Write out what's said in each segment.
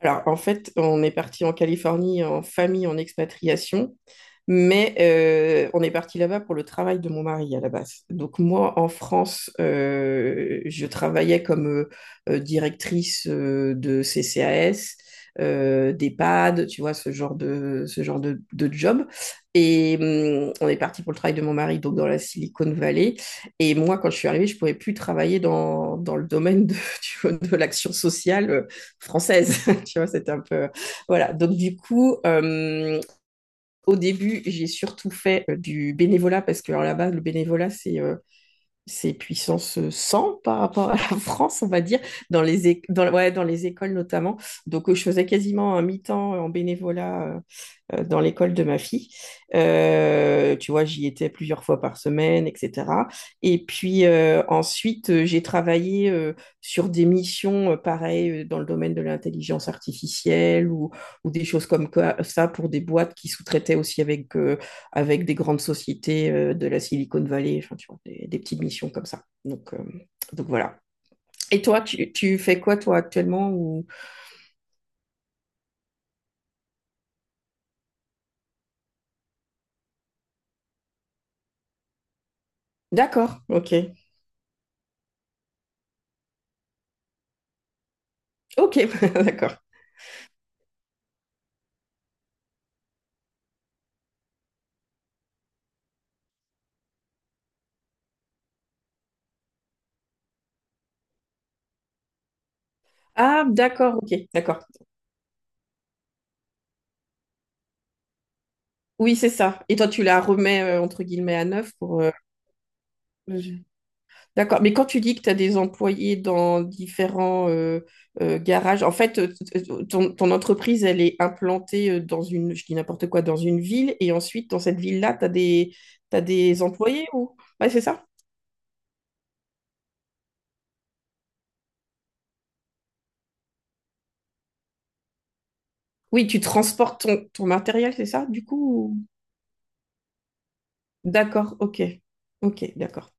Alors, en fait, on est parti en Californie en famille, en expatriation, mais on est parti là-bas pour le travail de mon mari à la base. Donc, moi, en France, je travaillais comme directrice de CCAS, d'EHPAD, tu vois, ce genre de job. Et on est parti pour le travail de mon mari, donc dans la Silicon Valley. Et moi, quand je suis arrivée, je pouvais plus travailler dans le domaine de, tu vois, de l'action sociale française, tu vois, c'était un peu. Voilà, donc du coup, au début, j'ai surtout fait du bénévolat, parce que alors, là-bas, le bénévolat, c'est puissance 100 par rapport à la France, on va dire, dans les, é- dans, ouais, dans les écoles notamment. Donc, je faisais quasiment un mi-temps en bénévolat dans l'école de ma fille. Tu vois, j'y étais plusieurs fois par semaine, etc. Et puis ensuite, j'ai travaillé sur des missions, pareil, dans le domaine de l'intelligence artificielle ou des choses comme ça pour des boîtes qui sous-traitaient aussi avec des grandes sociétés de la Silicon Valley, enfin, tu vois, des petites missions comme ça. Donc voilà. Et toi, tu fais quoi, toi, actuellement ou. D'accord, ok. Ok, d'accord. Ah, d'accord, ok, d'accord. Oui, c'est ça. Et toi, tu la remets, entre guillemets, à neuf pour. Je- D'accord. Mais quand tu dis que tu as des employés dans différents garages, en fait, ton entreprise, elle est implantée dans une, je dis n'importe quoi, dans une ville. Et ensuite, dans cette ville-là, t'as des employés ou. Ouais, c'est ça? Oui, tu transportes ton matériel, c'est ça, du coup? Ou. D'accord, ok. Ok, d'accord.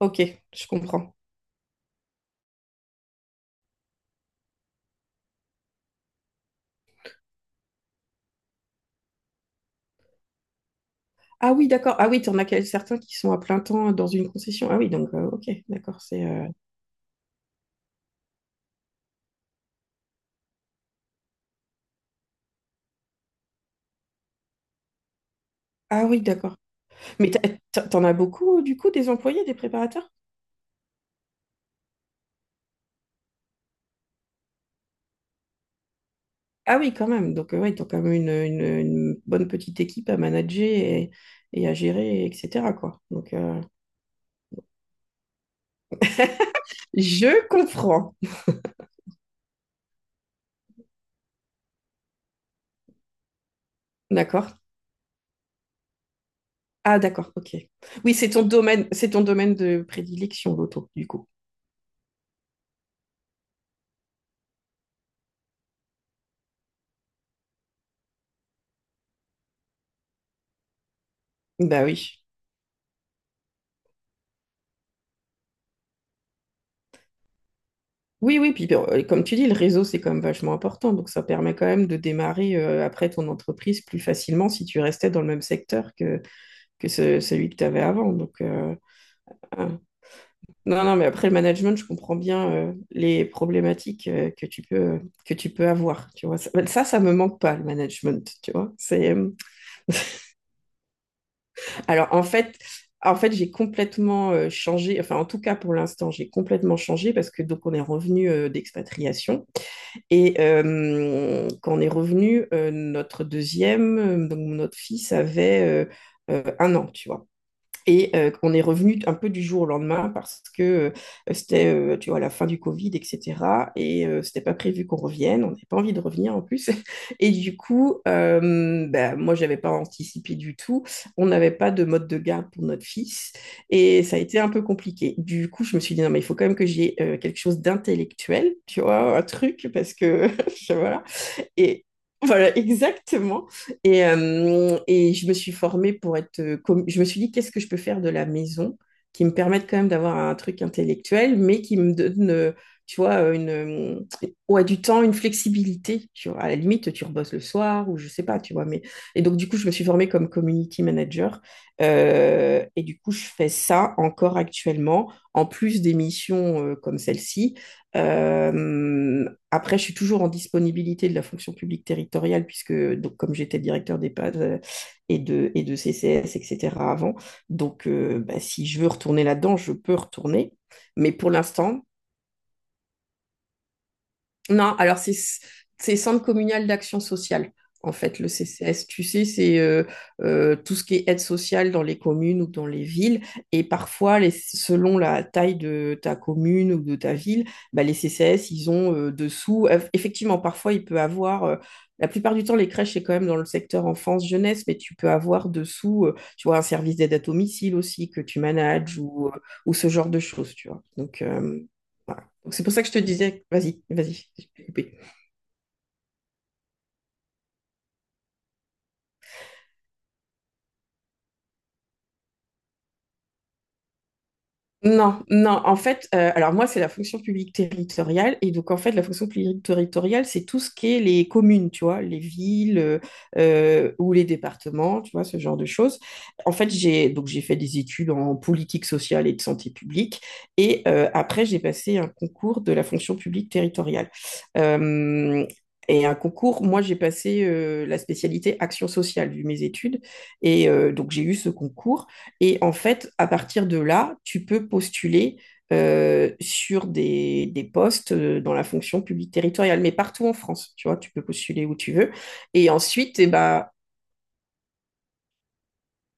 Ok, je comprends. Ah oui, d'accord. Ah oui, tu en as certains qui sont à plein temps dans une concession. Ah oui, donc, ok, d'accord, c'est. Ah oui, d'accord. Mais t'en as beaucoup, du coup, des employés, des préparateurs? Ah oui, quand même. Donc, ouais, t'as quand même une bonne petite équipe à manager et à gérer, etc., quoi. Donc, je comprends. D'accord. Ah, d'accord, ok. Oui, c'est ton domaine de prédilection, l'auto, du coup. Bah oui. Oui, oui, puis bon, comme tu dis, le réseau, c'est quand même vachement important. Donc, ça permet quand même de démarrer après ton entreprise plus facilement si tu restais dans le même secteur celui que tu avais avant. Donc, non, non, mais après le management, je comprends bien les problématiques que tu peux avoir, tu vois. Ça, bah, ça me manque pas, le management, tu vois. Alors, en fait, j'ai complètement changé, enfin, en tout cas, pour l'instant, j'ai complètement changé parce que, donc, on est revenu d'expatriation. Et quand on est revenu, notre deuxième, donc, notre fils avait 1 an, tu vois. Et on est revenu un peu du jour au lendemain parce que c'était, tu vois, la fin du Covid, etc. Et c'était pas prévu qu'on revienne. On n'avait pas envie de revenir en plus. Et du coup, ben, moi, j'avais pas anticipé du tout. On n'avait pas de mode de garde pour notre fils. Et ça a été un peu compliqué. Du coup, je me suis dit, non, mais il faut quand même que j'ai quelque chose d'intellectuel, tu vois, un truc, parce que, voilà, et voilà, exactement. Et je me suis formée pour être. Je me suis dit, qu'est-ce que je peux faire de la maison qui me permette quand même d'avoir un truc intellectuel, mais qui me donne, tu vois, ouais, du temps, une flexibilité. Tu vois, à la limite, tu rebosses le soir ou je sais pas, tu vois. Mais. Et donc, du coup, je me suis formée comme community manager. Et du coup, je fais ça encore actuellement, en plus des missions comme celle-ci. Euh, Après, je suis toujours en disponibilité de la fonction publique territoriale, puisque donc, comme j'étais directeur d'EHPAD et de CCS, etc. avant, donc bah, si je veux retourner là-dedans, je peux retourner. Mais pour l'instant, non, alors c'est Centre communal d'action sociale. En fait, le CCS, tu sais, c'est tout ce qui est aide sociale dans les communes ou dans les villes. Et parfois, selon la taille de ta commune ou de ta ville, bah, les CCS, ils ont dessous. Effectivement, parfois, il peut avoir. La plupart du temps, les crèches, c'est quand même dans le secteur enfance-jeunesse, mais tu peux avoir dessous, tu vois, un service d'aide à domicile aussi que tu manages ou ce genre de choses, tu vois. Donc, voilà. Donc, c'est pour ça que je te disais, vas-y, vas-y. APP. Non, non, en fait, alors moi, c'est la fonction publique territoriale. Et donc, en fait, la fonction publique territoriale, c'est tout ce qui est les communes, tu vois, les villes ou les départements, tu vois, ce genre de choses. En fait, j'ai donc j'ai fait des études en politique sociale et de santé publique. Et après, j'ai passé un concours de la fonction publique territoriale. Euh, Et un concours, moi j'ai passé la spécialité action sociale vu mes études. Et donc j'ai eu ce concours. Et en fait, à partir de là, tu peux postuler sur des postes dans la fonction publique territoriale, mais partout en France, tu vois, tu peux postuler où tu veux. Et ensuite, eh ben,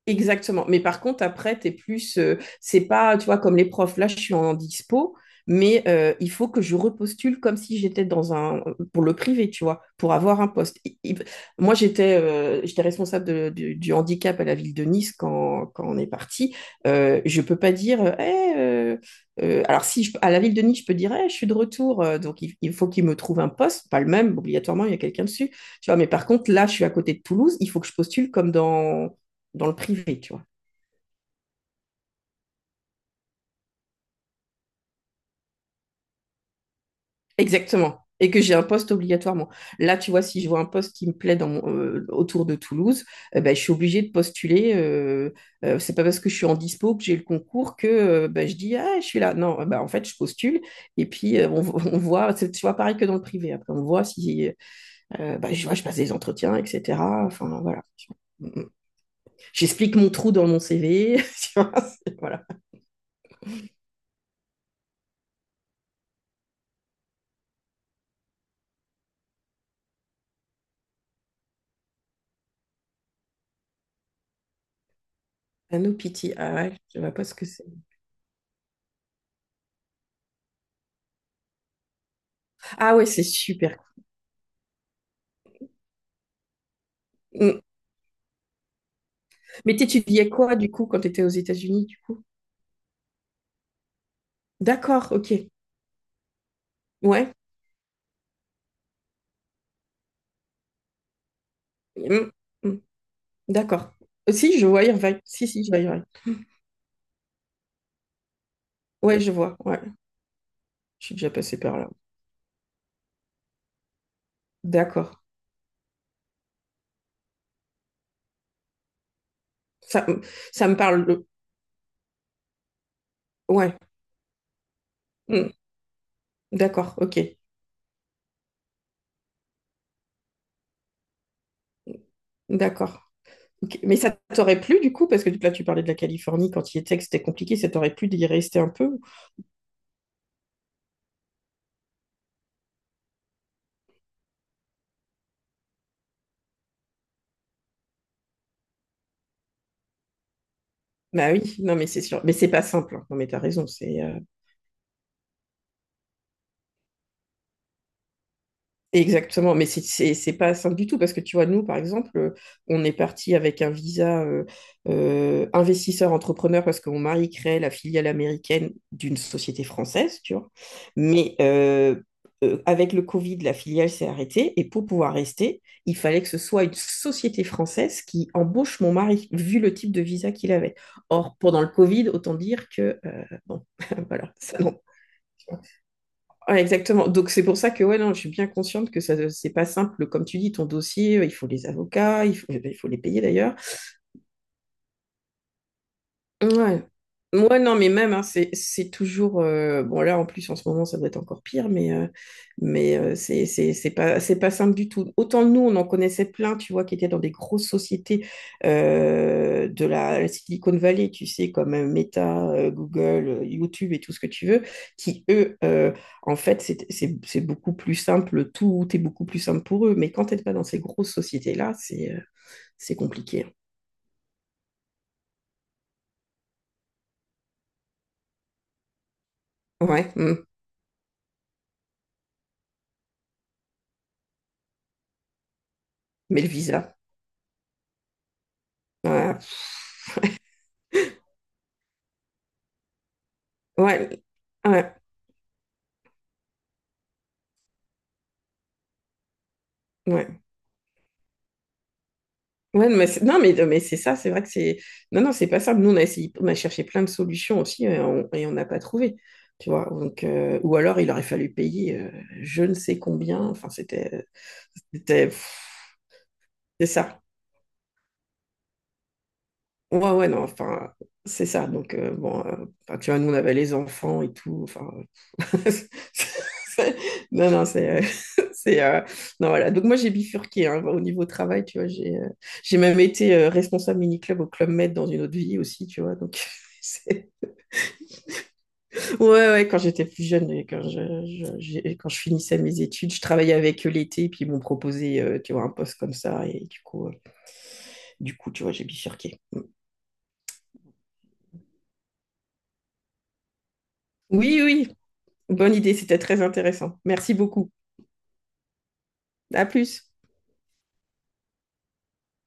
exactement. Mais par contre, après, t'es plus. C'est pas, tu vois, comme les profs. Là, je suis en dispo, mais il faut que je repostule comme si j'étais dans un. Pour le privé, tu vois, pour avoir un poste. Moi, j'étais responsable du handicap à la ville de Nice quand on est parti. Je peux pas dire. Alors, si je- à la ville de Nice, je peux dire, Eh, je suis de retour, donc il faut qu'il me trouve un poste, pas le même, obligatoirement, il y a quelqu'un dessus. Tu vois, mais par contre, là, je suis à côté de Toulouse, il faut que je postule comme dans le privé, tu vois. Exactement. Et que j'ai un poste obligatoirement. Là, tu vois, si je vois un poste qui me plaît autour de Toulouse, eh ben, je suis obligée de postuler. C'est pas parce que je suis en dispo que j'ai le concours que ben, je dis, ah, je suis là. Non, eh ben, en fait, je postule. Et puis, on voit, tu vois, pareil que dans le privé. Après, on voit si, ben, je vois, je passe des entretiens, etc. Enfin, voilà. J'explique mon trou dans mon CV. Tu vois, voilà. Ah, No Pity, ah ouais, je vois pas ce que c'est. Ah ouais, c'est super. Mm. Mais t'étudiais quoi du coup quand t'étais aux États-Unis? Du coup. D'accord, ok. Ouais. Mm, mm. D'accord. Si, je vois Irvine. Si, si, je vois Irvine. Ouais, je vois. Ouais, je suis déjà passée par là. D'accord. Ça, mm, ça me parle. Ouais. Mm. D'accord, ok. D'accord. Ok. Mais ça t'aurait plu du coup, parce que là tu parlais de la Californie quand il était, que c'était compliqué, ça t'aurait plu d'y rester un peu? Bah oui, non mais c'est sûr. Mais c'est pas simple, hein. Non mais t'as raison, c'est. Exactement, mais c'est pas simple du tout parce que tu vois, nous, par exemple, on est parti avec un visa investisseur-entrepreneur parce que mon mari crée la filiale américaine d'une société française, tu vois. Mais avec le Covid, la filiale s'est arrêtée et pour pouvoir rester, il fallait que ce soit une société française qui embauche mon mari, vu le type de visa qu'il avait. Or, pendant le Covid, autant dire que, bon, voilà, ça non. Ouais, exactement. Donc c'est pour ça que ouais, non, je suis bien consciente que ça, c'est pas simple. Comme tu dis, ton dossier, il faut les avocats, il faut, eh ben, il faut les payer d'ailleurs. Ouais. Moi, non, mais même, hein, c'est toujours. Bon, là, en plus, en ce moment, ça doit être encore pire, mais c'est pas simple du tout. Autant nous, on en connaissait plein, tu vois, qui étaient dans des grosses sociétés de la Silicon Valley, tu sais, comme Meta, Google, YouTube et tout ce que tu veux, qui, eux, en fait, c'est beaucoup plus simple, tout est beaucoup plus simple pour eux. Mais quand t'es pas dans ces grosses sociétés-là, c'est compliqué. Ouais. Mais le visa. Ouais. Ouais, ouais, ouais. Ouais, mais non, mais c'est ça, c'est vrai que c'est. Non, non, c'est pas simple. Nous, on a essayé, on a cherché plein de solutions aussi et on n'a pas trouvé. Tu vois, donc, ou alors il aurait fallu payer je ne sais combien. Enfin, c'était. C'était. Pff, c'est ça. Ouais, ouais, non, enfin, c'est ça. Donc, bon, enfin, tu vois, nous, on avait les enfants et tout. Enfin, non, non, c'est. C'est, non, voilà. Donc, moi, j'ai bifurqué hein, au niveau travail, tu vois. J'ai même été responsable mini-club au Club Med dans une autre vie aussi, tu vois. Donc, c'est- ouais, ouais, quand j'étais plus jeune, et quand quand je finissais mes études, je travaillais avec eux l'été, puis ils m'ont proposé, tu vois, un poste comme ça. Et du coup, tu vois, j'ai bifurqué. Oui, oui. Bonne idée, c'était très intéressant. Merci beaucoup. À plus.